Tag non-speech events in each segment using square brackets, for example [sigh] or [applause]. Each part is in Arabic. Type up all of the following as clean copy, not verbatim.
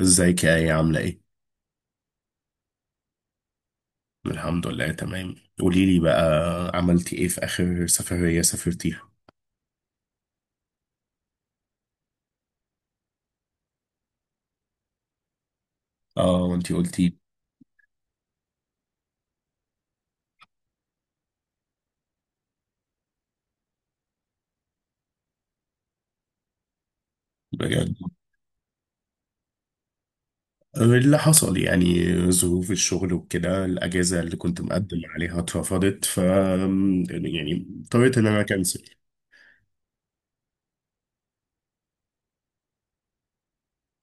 ازيك يا ايه، عاملة ايه؟ الحمد لله تمام. قولي لي بقى، عملتي ايه في اخر سفرية سافرتيها؟ اه، وانتي قلتي. بجد. اللي حصل يعني ظروف الشغل وكده، الاجازة اللي كنت مقدم عليها اترفضت، ف يعني اضطريت ان انا اكنسل.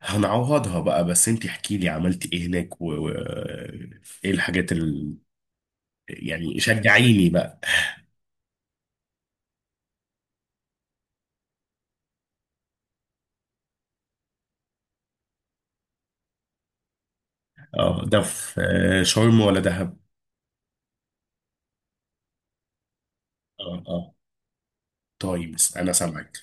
هنعوضها بقى، بس انتي احكي لي عملتي ايه هناك ايه الحاجات اللي يعني شجعيني بقى. [laughs] اه، ده في شرم ولا دهب؟ اه اه، طيب انا سامعك.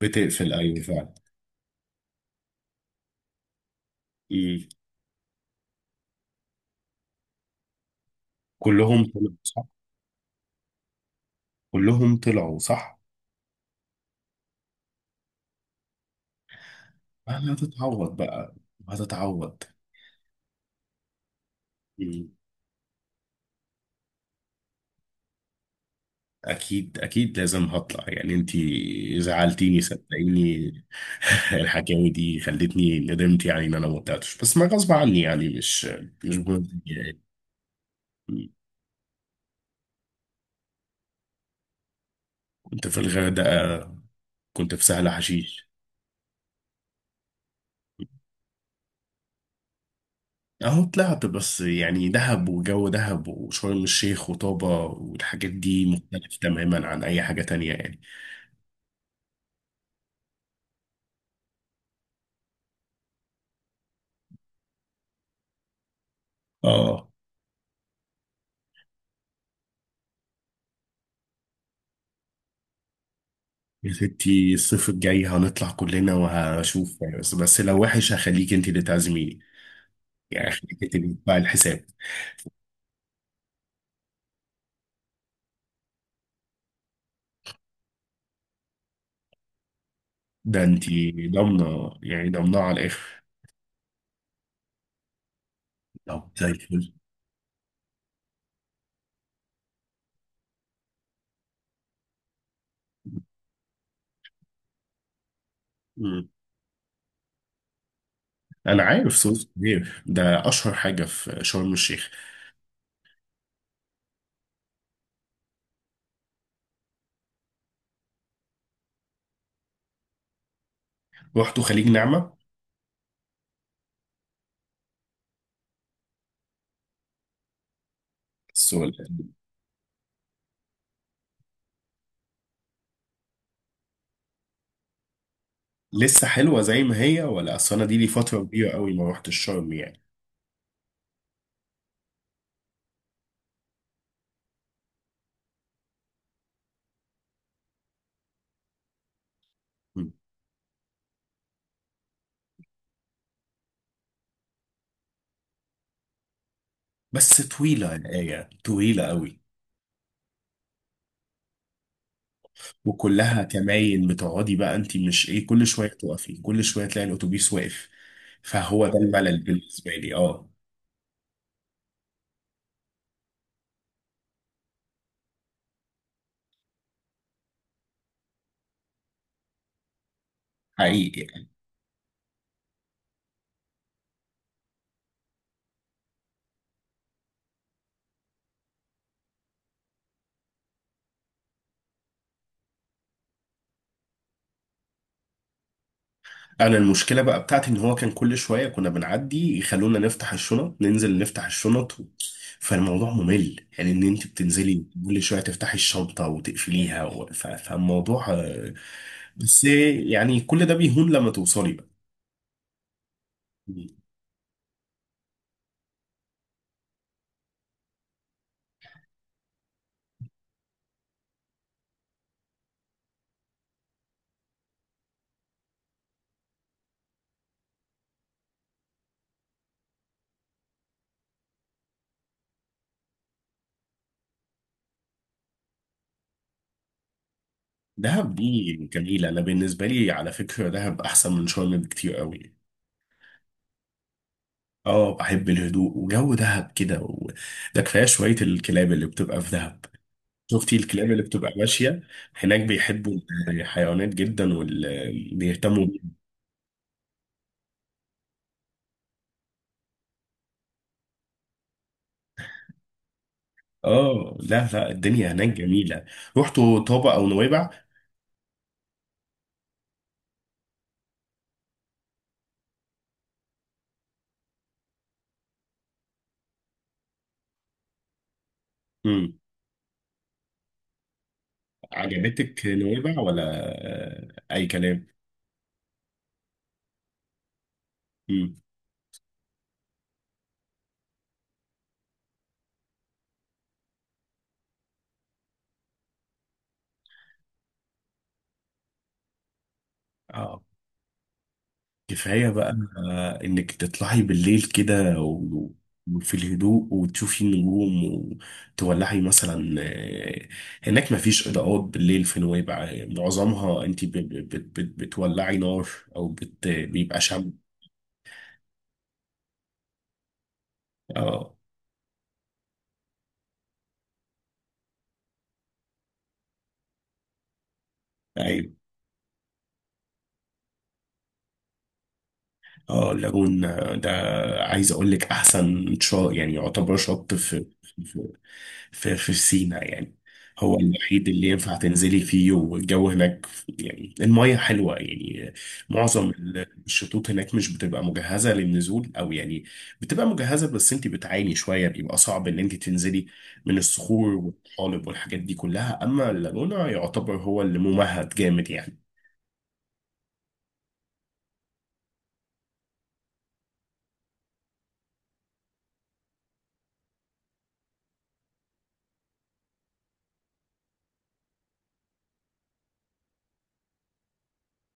بتقفل، ايوه فعلا. مم. كلهم طلعوا صح؟ كلهم طلعوا صح. انا هتتعوض بقى، هتتعوض. مم. اكيد اكيد، لازم هطلع يعني، انتي زعلتيني صدقيني. [laughs] الحكاوي دي خلتني ندمت يعني ان انا ما طلعتش، بس ما غصب عني يعني، مش بجد يعني. كنت في الغردقه، كنت في سهل حشيش. اهو طلعت، بس يعني دهب وجو دهب وشرم الشيخ وطابة والحاجات دي مختلف تماما عن اي حاجه تانية يعني، اه. يا ستي، الصيف الجاي هنطلع كلنا وهشوف، بس لو وحش هخليك انت اللي تعزميني، يعني هخليك انت اللي تدفعي الحساب. ده انت ضامنه يعني، ضامنه على الاخر. طب زي الفل. مم. انا عارف، صوص كبير ده اشهر حاجه في شرم الشيخ. رحتوا خليج نعمه؟ السؤال. لسه حلوه زي ما هي؟ ولا اصل انا دي لي فتره كبيره قوي ما رحتش شرم يعني. مم. بس طويله يا ايه، طويله قوي. وكلها كماين، بتقعدي بقى انت، مش ايه، كل شويه تقفي، كل شويه تلاقي الاتوبيس واقف. فهو ده الملل بالنسبه لي، اه. حقيقي يعني. انا المشكله بقى بتاعتي ان هو كان كل شويه كنا بنعدي يخلونا نفتح الشنط، ننزل نفتح الشنط فالموضوع ممل، يعني ان انت بتنزلي كل شويه تفتحي الشنطه وتقفليها فالموضوع بس يعني كل ده بيهون لما توصلي بقى. دهب دي جميله، انا بالنسبه لي على فكره دهب احسن من شرم بكتير قوي. اه، بحب الهدوء وجو دهب كده ده كفايه شويه الكلاب اللي بتبقى في دهب. شفتي الكلاب اللي بتبقى ماشيه؟ هناك بيحبوا الحيوانات جدا وبيهتموا بيها. اه، لا لا، الدنيا هناك جميله. رحتوا طابا او نويبع؟ امم. عجبتك نويبع ولا؟ اي كلام. امم. اه كفايه بقى انك تطلعي بالليل كده وفي الهدوء وتشوفي النجوم، وتولعي مثلا هناك مفيش اضاءات بالليل في نويبع، معظمها انت بتولعي نار، او بيبقى شمع. اه. أيوة. اه، اللاجون ده، عايز اقول لك احسن شاطئ، يعني يعتبر شط في في سينا يعني. هو الوحيد اللي ينفع تنزلي فيه، والجو هناك يعني، المية حلوة يعني. معظم الشطوط هناك مش بتبقى مجهزة للنزول او يعني، بتبقى مجهزة بس انت بتعاني شوية، بيبقى صعب ان انت تنزلي من الصخور والطحالب والحاجات دي كلها. اما اللاجونة يعتبر هو اللي ممهد جامد يعني.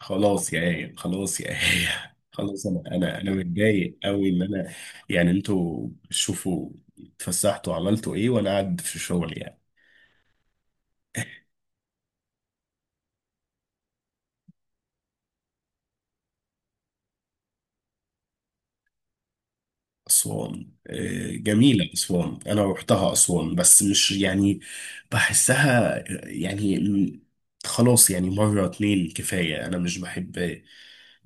خلاص يا آية، خلاص يا آية، خلاص، انا متضايق قوي ان انا، يعني انتوا شوفوا اتفسحتوا عملتوا ايه، وانا قاعد في شغل يعني. اسوان جميله، اسوان انا روحتها، اسوان بس مش يعني بحسها يعني. خلاص يعني، مره اتنين كفايه، انا مش بحب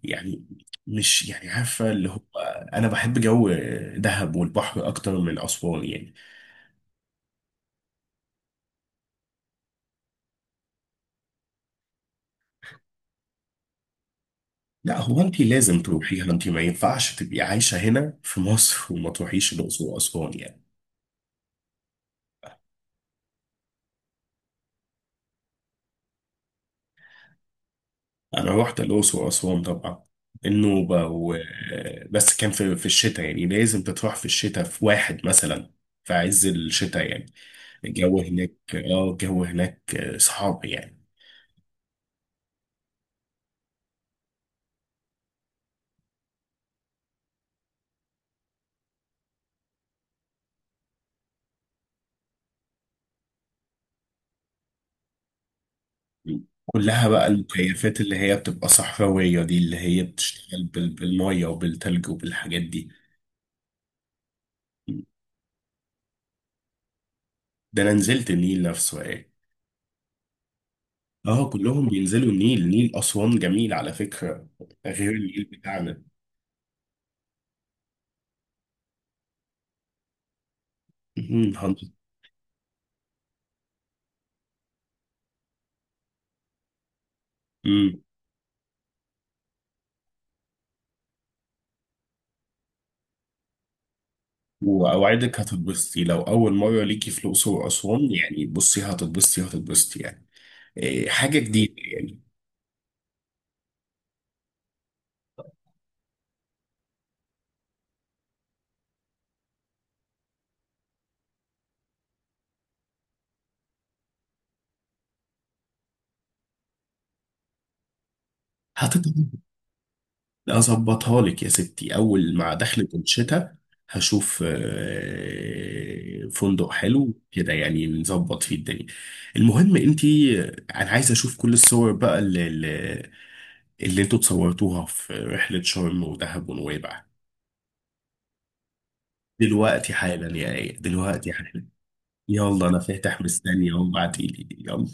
يعني، مش يعني عارفه اللي هو، انا بحب جو دهب والبحر اكتر من اسوان يعني. لا هو انت لازم تروحيها، انت ما ينفعش تبقي عايشة هنا في مصر وما تروحيش الأقصر وأسوان يعني. أنا رحت الأقصر وأسوان طبعا، النوبة بس كان في الشتاء يعني، لازم تروح في الشتاء في واحد مثلا، في عز الشتاء يعني. الجو هناك صعب يعني. كلها بقى المكيفات اللي هي بتبقى صحراوية دي، اللي هي بتشتغل بالمية وبالتلج وبالحاجات دي. ده أنا نزلت النيل نفسه، إيه؟ آه، كلهم بينزلوا النيل، نيل أسوان جميل على فكرة، غير النيل بتاعنا. مم. هن- واوعدك هتتبسطي لو اول مره ليكي في الاقصر واسوان يعني، بصي هتتبسطي، هتتبسطي يعني، إيه، حاجه جديده يعني. هتتبسطي. اظبطها لك يا ستي اول مع دخلة الشتاء، هشوف فندق حلو كده يعني، نظبط فيه الدنيا. المهم انتي انا عايز اشوف كل الصور بقى اللي انتوا اتصورتوها في رحله شرم ودهب ونويبع. دلوقتي حالا يا ايه، دلوقتي حالا. يلا، انا فاتح مستني اهو، ابعتيلي يلا.